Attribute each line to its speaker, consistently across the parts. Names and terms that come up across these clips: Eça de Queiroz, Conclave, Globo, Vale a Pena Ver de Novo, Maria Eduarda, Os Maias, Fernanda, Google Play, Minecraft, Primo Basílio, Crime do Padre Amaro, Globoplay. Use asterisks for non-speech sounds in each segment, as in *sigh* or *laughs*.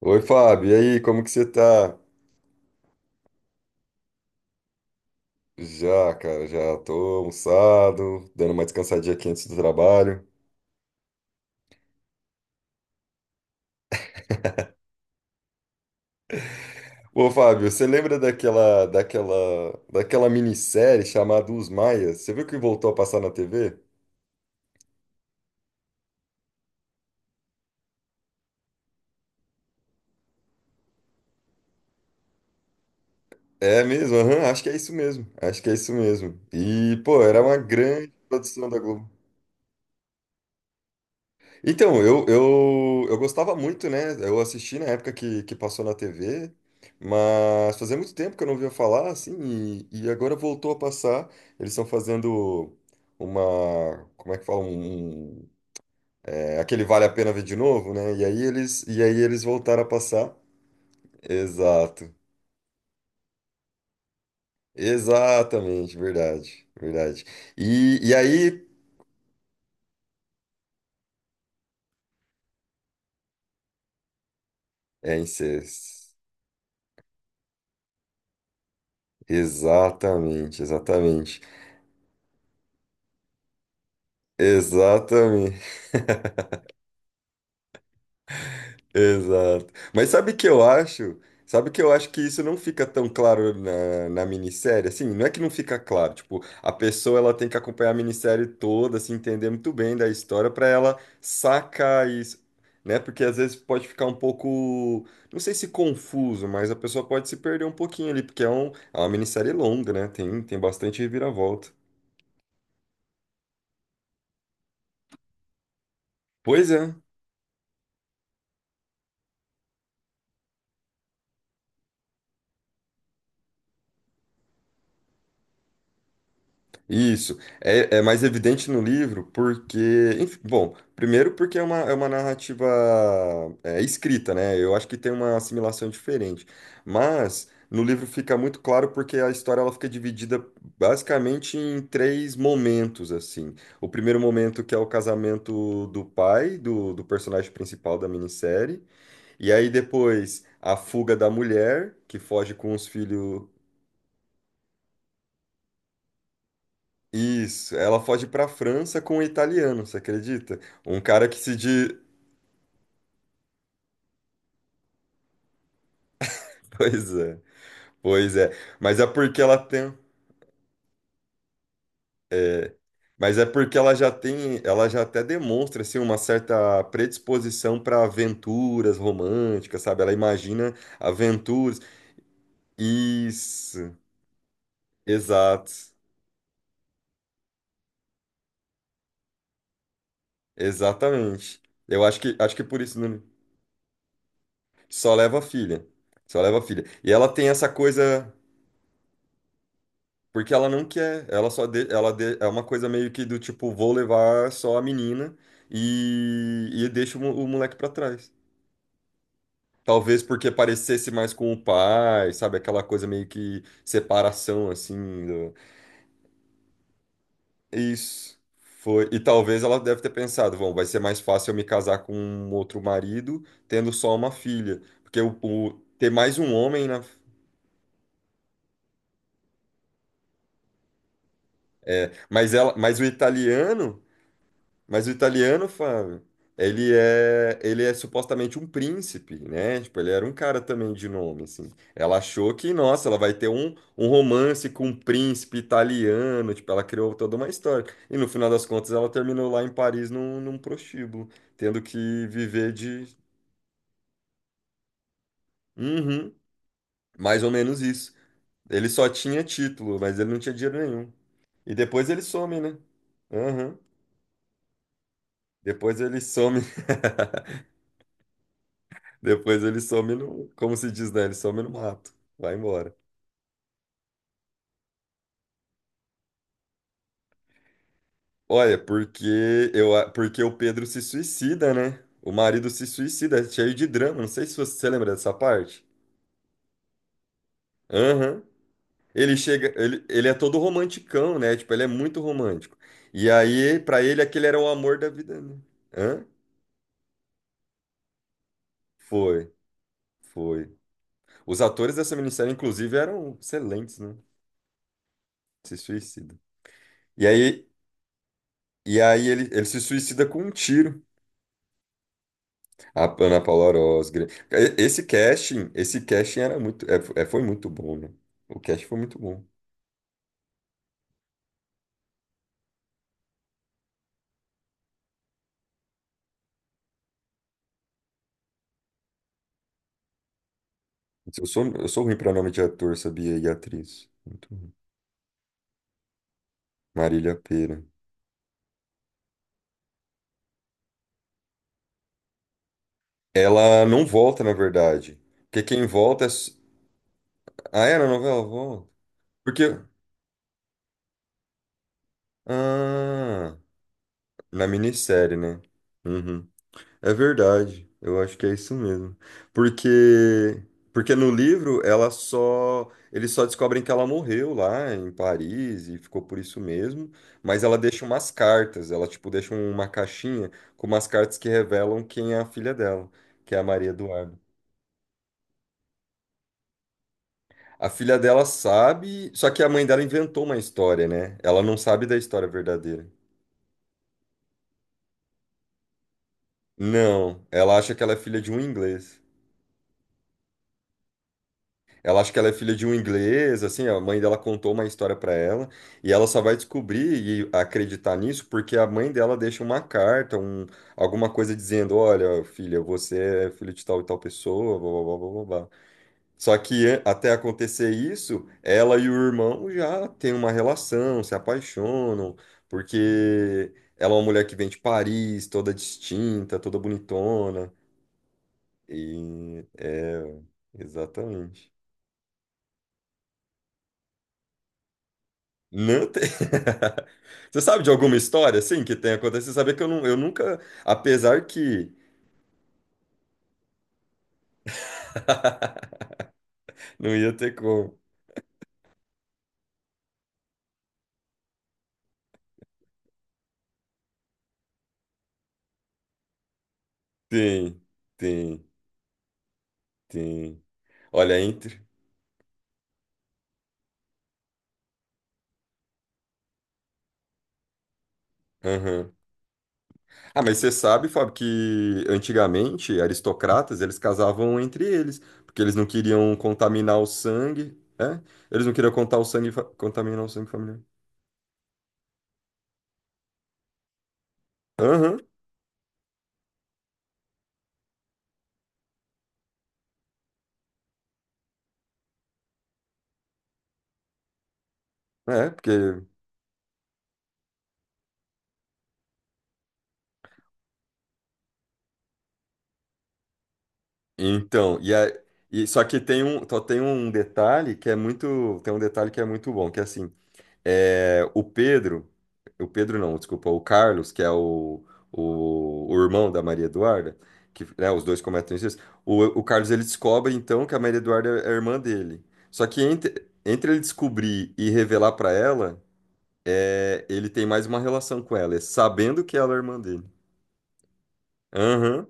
Speaker 1: Oi, Fábio, e aí, como que você tá? Já, cara, já tô almoçado, dando uma descansadinha aqui antes do trabalho. Ô, Fábio, você lembra daquela minissérie chamada Os Maias? Você viu que voltou a passar na TV? É mesmo, aham, acho que é isso mesmo, acho que é isso mesmo. E, pô, era uma grande produção da Globo. Então, eu gostava muito, né? Eu assisti na época que passou na TV, mas fazia muito tempo que eu não ouvia falar, assim, e agora voltou a passar. Eles estão fazendo uma, como é que fala? Aquele Vale a Pena Ver de Novo, né? E aí eles voltaram a passar. Exato. Exatamente, verdade, verdade. E aí, é incesto. Exatamente, exatamente. Exatamente. Exato. Mas sabe o que eu acho? Sabe o que eu acho que isso não fica tão claro na minissérie? Assim, não é que não fica claro. Tipo, a pessoa ela tem que acompanhar a minissérie toda, se entender muito bem da história para ela sacar isso, né? Porque às vezes pode ficar um pouco, não sei se confuso, mas a pessoa pode se perder um pouquinho ali, porque é uma minissérie longa, né? Tem bastante reviravolta. Pois é. Isso é mais evidente no livro porque, enfim, bom, primeiro porque é uma narrativa escrita, né? Eu acho que tem uma assimilação diferente, mas no livro fica muito claro porque a história ela fica dividida basicamente em três momentos, assim. O primeiro momento que é o casamento do pai do personagem principal da minissérie, e aí depois a fuga da mulher que foge com os filhos. Isso, ela foge para a França com um italiano, você acredita? Um cara que se diz. *laughs* Pois é, pois é. Mas é porque ela tem. Mas é porque ela já tem. Ela já até demonstra assim, uma certa predisposição para aventuras românticas, sabe? Ela imagina aventuras. Isso, exato, exatamente. Eu acho que por isso só leva a filha. Só leva a filha. E ela tem essa coisa. Porque ela não quer, ela só de, ela de- é uma coisa meio que do tipo, vou levar só a menina e deixo o moleque pra trás. Talvez porque parecesse mais com o pai, sabe? Aquela coisa meio que separação, assim. Isso. Foi. E talvez ela deve ter pensado, bom, vai ser mais fácil eu me casar com um outro marido tendo só uma filha. Porque ter mais um homem na. É, mas o italiano. Mas o italiano, Fábio, ele é supostamente um príncipe, né? Tipo, ele era um cara também de nome, assim. Ela achou que, nossa, ela vai ter um romance com um príncipe italiano, tipo, ela criou toda uma história. E no final das contas, ela terminou lá em Paris num prostíbulo, tendo que viver de... Uhum, mais ou menos isso. Ele só tinha título, mas ele não tinha dinheiro nenhum. E depois ele some, né? Aham. Depois ele some. *laughs* Depois ele some no, como se diz, né? Ele some no mato. Vai embora. Olha, porque porque o Pedro se suicida, né? O marido se suicida, é cheio de drama. Não sei se você lembra dessa parte. Aham. Ele chega, ele é todo romanticão, né? Tipo, ele é muito romântico. E aí, pra ele, aquele era o amor da vida, né? Hã? Foi, foi. Os atores dessa minissérie, inclusive, eram excelentes, né? Se suicida. E aí, e aí ele se suicida com um tiro. A Ana Paula Orozgra. Esse casting era muito, é, é, foi muito bom, né? O casting foi muito bom. Eu sou ruim para nome de ator, sabia? E atriz. Muito ruim. Marília Pêra. Ela não volta, na verdade. Porque quem volta é. Ah, é? Na novela volta? Porque. Ah, na minissérie, né? Uhum. É verdade, eu acho que é isso mesmo. Porque porque no livro ela só eles só descobrem que ela morreu lá em Paris e ficou por isso mesmo, mas ela deixa umas cartas, ela tipo deixa uma caixinha com umas cartas que revelam quem é a filha dela, que é a Maria Eduarda. A filha dela sabe, só que a mãe dela inventou uma história, né? Ela não sabe da história verdadeira. Não, ela acha que ela é filha de um inglês. Ela acha que ela é filha de um inglês, assim, a mãe dela contou uma história pra ela, e ela só vai descobrir e acreditar nisso porque a mãe dela deixa uma carta, alguma coisa dizendo, olha, filha, você é filho de tal e tal pessoa, blá, blá, blá, blá, blá. Até acontecer isso, ela e o irmão já têm uma relação, se apaixonam, porque ela é uma mulher que vem de Paris, toda distinta, toda bonitona, e é, exatamente. Não tem. *laughs* Você sabe de alguma história assim que tenha acontecido? Saber que eu, não, eu nunca, apesar que *laughs* não ia ter como. Tem, tem, tem. Olha, entre. Aham. Ah, mas você sabe, Fábio, que antigamente aristocratas eles casavam entre eles, porque eles não queriam contaminar o sangue, né? Eles não queriam contar o sangue, fa- contaminar o sangue familiar. Aham. É, porque então, e, a, e só que tem um, só tem um detalhe que é muito bom, que é assim, é, o Pedro, o Pedro não, desculpa, o Carlos, que é o irmão da Maria Eduarda, que, né, os dois cometem isso, o Carlos ele descobre então que a Maria Eduarda é a irmã dele. Só que entre ele descobrir e revelar pra ela, é, ele tem mais uma relação com ela, é sabendo que ela é a irmã dele. Aham.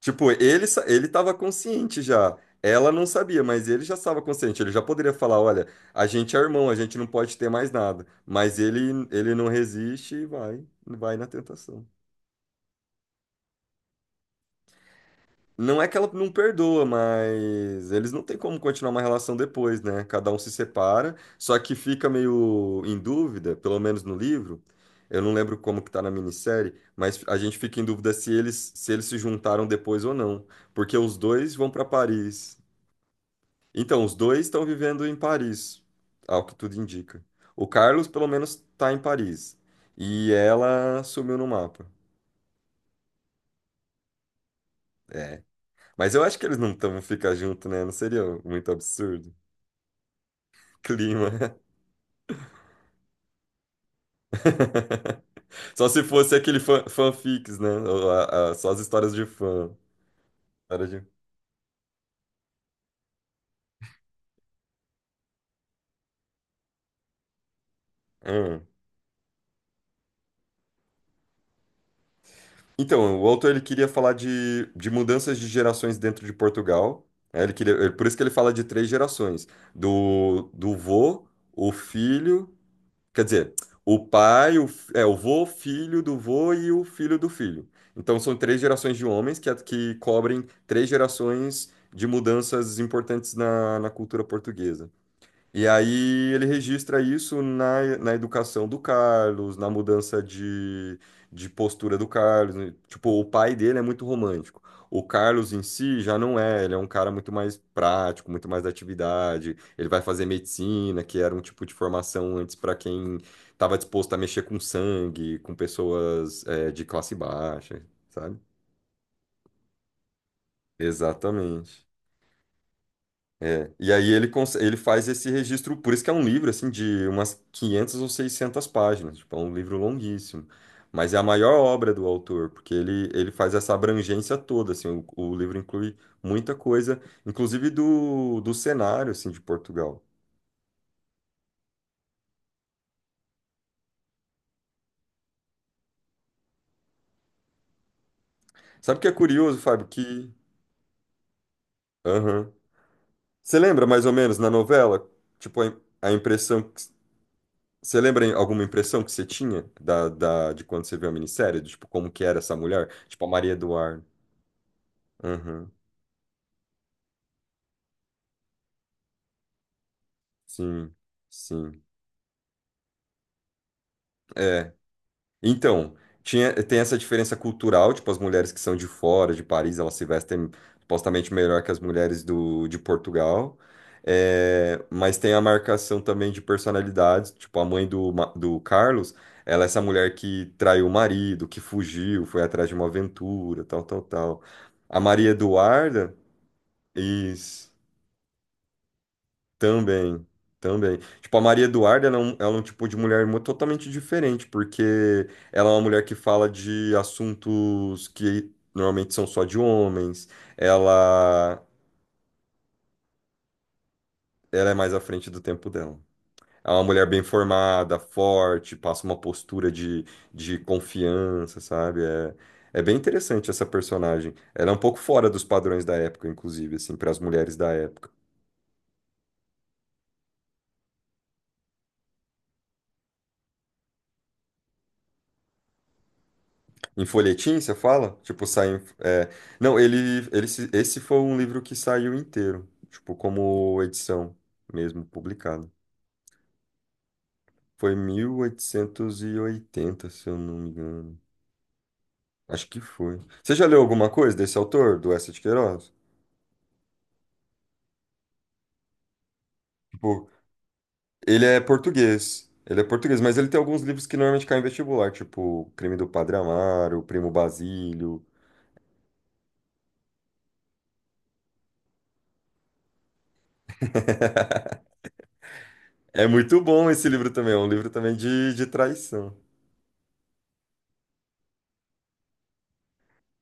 Speaker 1: Tipo, ele tava consciente já. Ela não sabia, mas ele já estava consciente. Ele já poderia falar: olha, a gente é irmão, a gente não pode ter mais nada. Mas ele não resiste e vai na tentação. Não é que ela não perdoa, mas eles não têm como continuar uma relação depois, né? Cada um se separa, só que fica meio em dúvida, pelo menos no livro. Eu não lembro como que tá na minissérie, mas a gente fica em dúvida se eles se juntaram depois ou não, porque os dois vão para Paris. Então, os dois estão vivendo em Paris, ao que tudo indica. O Carlos, pelo menos, tá em Paris. E ela sumiu no mapa. É. Mas eu acho que eles não estão ficar junto, né? Não seria muito absurdo. Clima. *laughs* Só se fosse fanfics, né? Ou só as histórias de fã. História de... Hum. Então, o autor ele queria falar de mudanças de gerações dentro de Portugal. Né? Por isso que ele fala de três gerações: do vô, o filho, quer dizer, o pai, o vô, filho do vô e o filho do filho. Então, são três gerações de homens que cobrem três gerações de mudanças importantes na cultura portuguesa. E aí ele registra isso na educação do Carlos, na mudança de postura do Carlos. Né? Tipo, o pai dele é muito romântico. O Carlos em si já não é, ele é um cara muito mais prático, muito mais da atividade. Ele vai fazer medicina, que era um tipo de formação antes para quem estava disposto a mexer com sangue, com pessoas, de classe baixa, sabe? Exatamente. É, e aí ele faz esse registro, por isso que é um livro, assim, de umas 500 ou 600 páginas, tipo, é um livro longuíssimo, mas é a maior obra do autor, porque ele faz essa abrangência toda, assim, o livro inclui muita coisa, inclusive do cenário, assim, de Portugal. Sabe o que é curioso, Fábio, que... Aham. Você lembra, mais ou menos, na novela, tipo, a impressão... Você lembra alguma impressão que você tinha de quando você viu a minissérie, tipo, como que era essa mulher? Tipo, a Maria Eduarda. Aham. Sim, sim. É. Então, tem essa diferença cultural, tipo, as mulheres que são de fora, de Paris, elas se vestem supostamente melhor que as mulheres de Portugal. É, mas tem a marcação também de personalidades, tipo, a mãe do Carlos, ela é essa mulher que traiu o marido, que fugiu, foi atrás de uma aventura, tal, tal, tal. A Maria Eduarda, isso. Também, também. Tipo, a Maria Eduarda, ela é um tipo de mulher totalmente diferente, porque ela é uma mulher que fala de assuntos que normalmente são só de homens. Ela, ela é mais à frente do tempo dela. É uma mulher bem formada, forte, passa uma postura de confiança, sabe? É bem interessante essa personagem. Ela é um pouco fora dos padrões da época, inclusive, assim, para as mulheres da época. Em folhetim, você fala? Tipo, não, ele... se- esse foi um livro que saiu inteiro. Tipo, como edição mesmo, publicada. Foi 1880, se eu não me engano. Acho que foi. Você já leu alguma coisa desse autor, do Eça de Queiroz? Tipo, ele é português. Ele é português, mas ele tem alguns livros que normalmente caem em vestibular, tipo Crime do Padre Amaro, Primo Basílio. *laughs* É muito bom esse livro também, é um livro também de traição.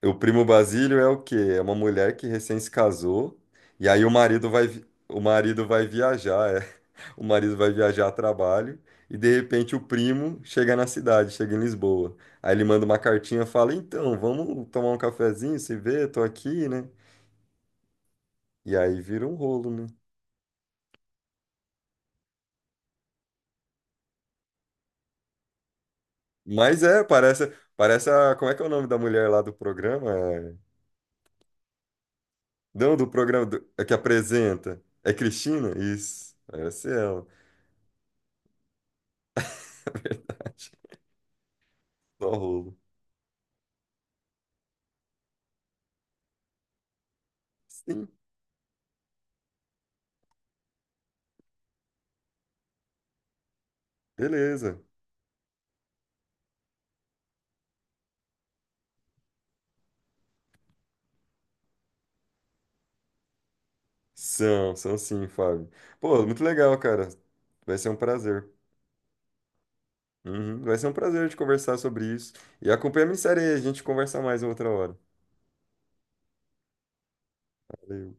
Speaker 1: O primo Basílio é o quê? É uma mulher que recém se casou e aí o marido o marido vai viajar, é. *laughs* O marido vai viajar a trabalho e de repente o primo chega na cidade, chega em Lisboa. Aí ele manda uma cartinha, fala: "Então, vamos tomar um cafezinho, se vê, tô aqui, né?" E aí vira um rolo, né? Mas é, parece a, como é que é o nome da mulher lá do programa? É- não, do programa é que apresenta. É Cristina? Isso. Parece ela. *laughs* Só rolo. Sim, beleza. São sim, Fábio. Pô, muito legal, cara. Vai ser um prazer. Uhum, vai ser um prazer te conversar sobre isso. E acompanha a minha série aí, a gente conversa mais outra hora. Valeu.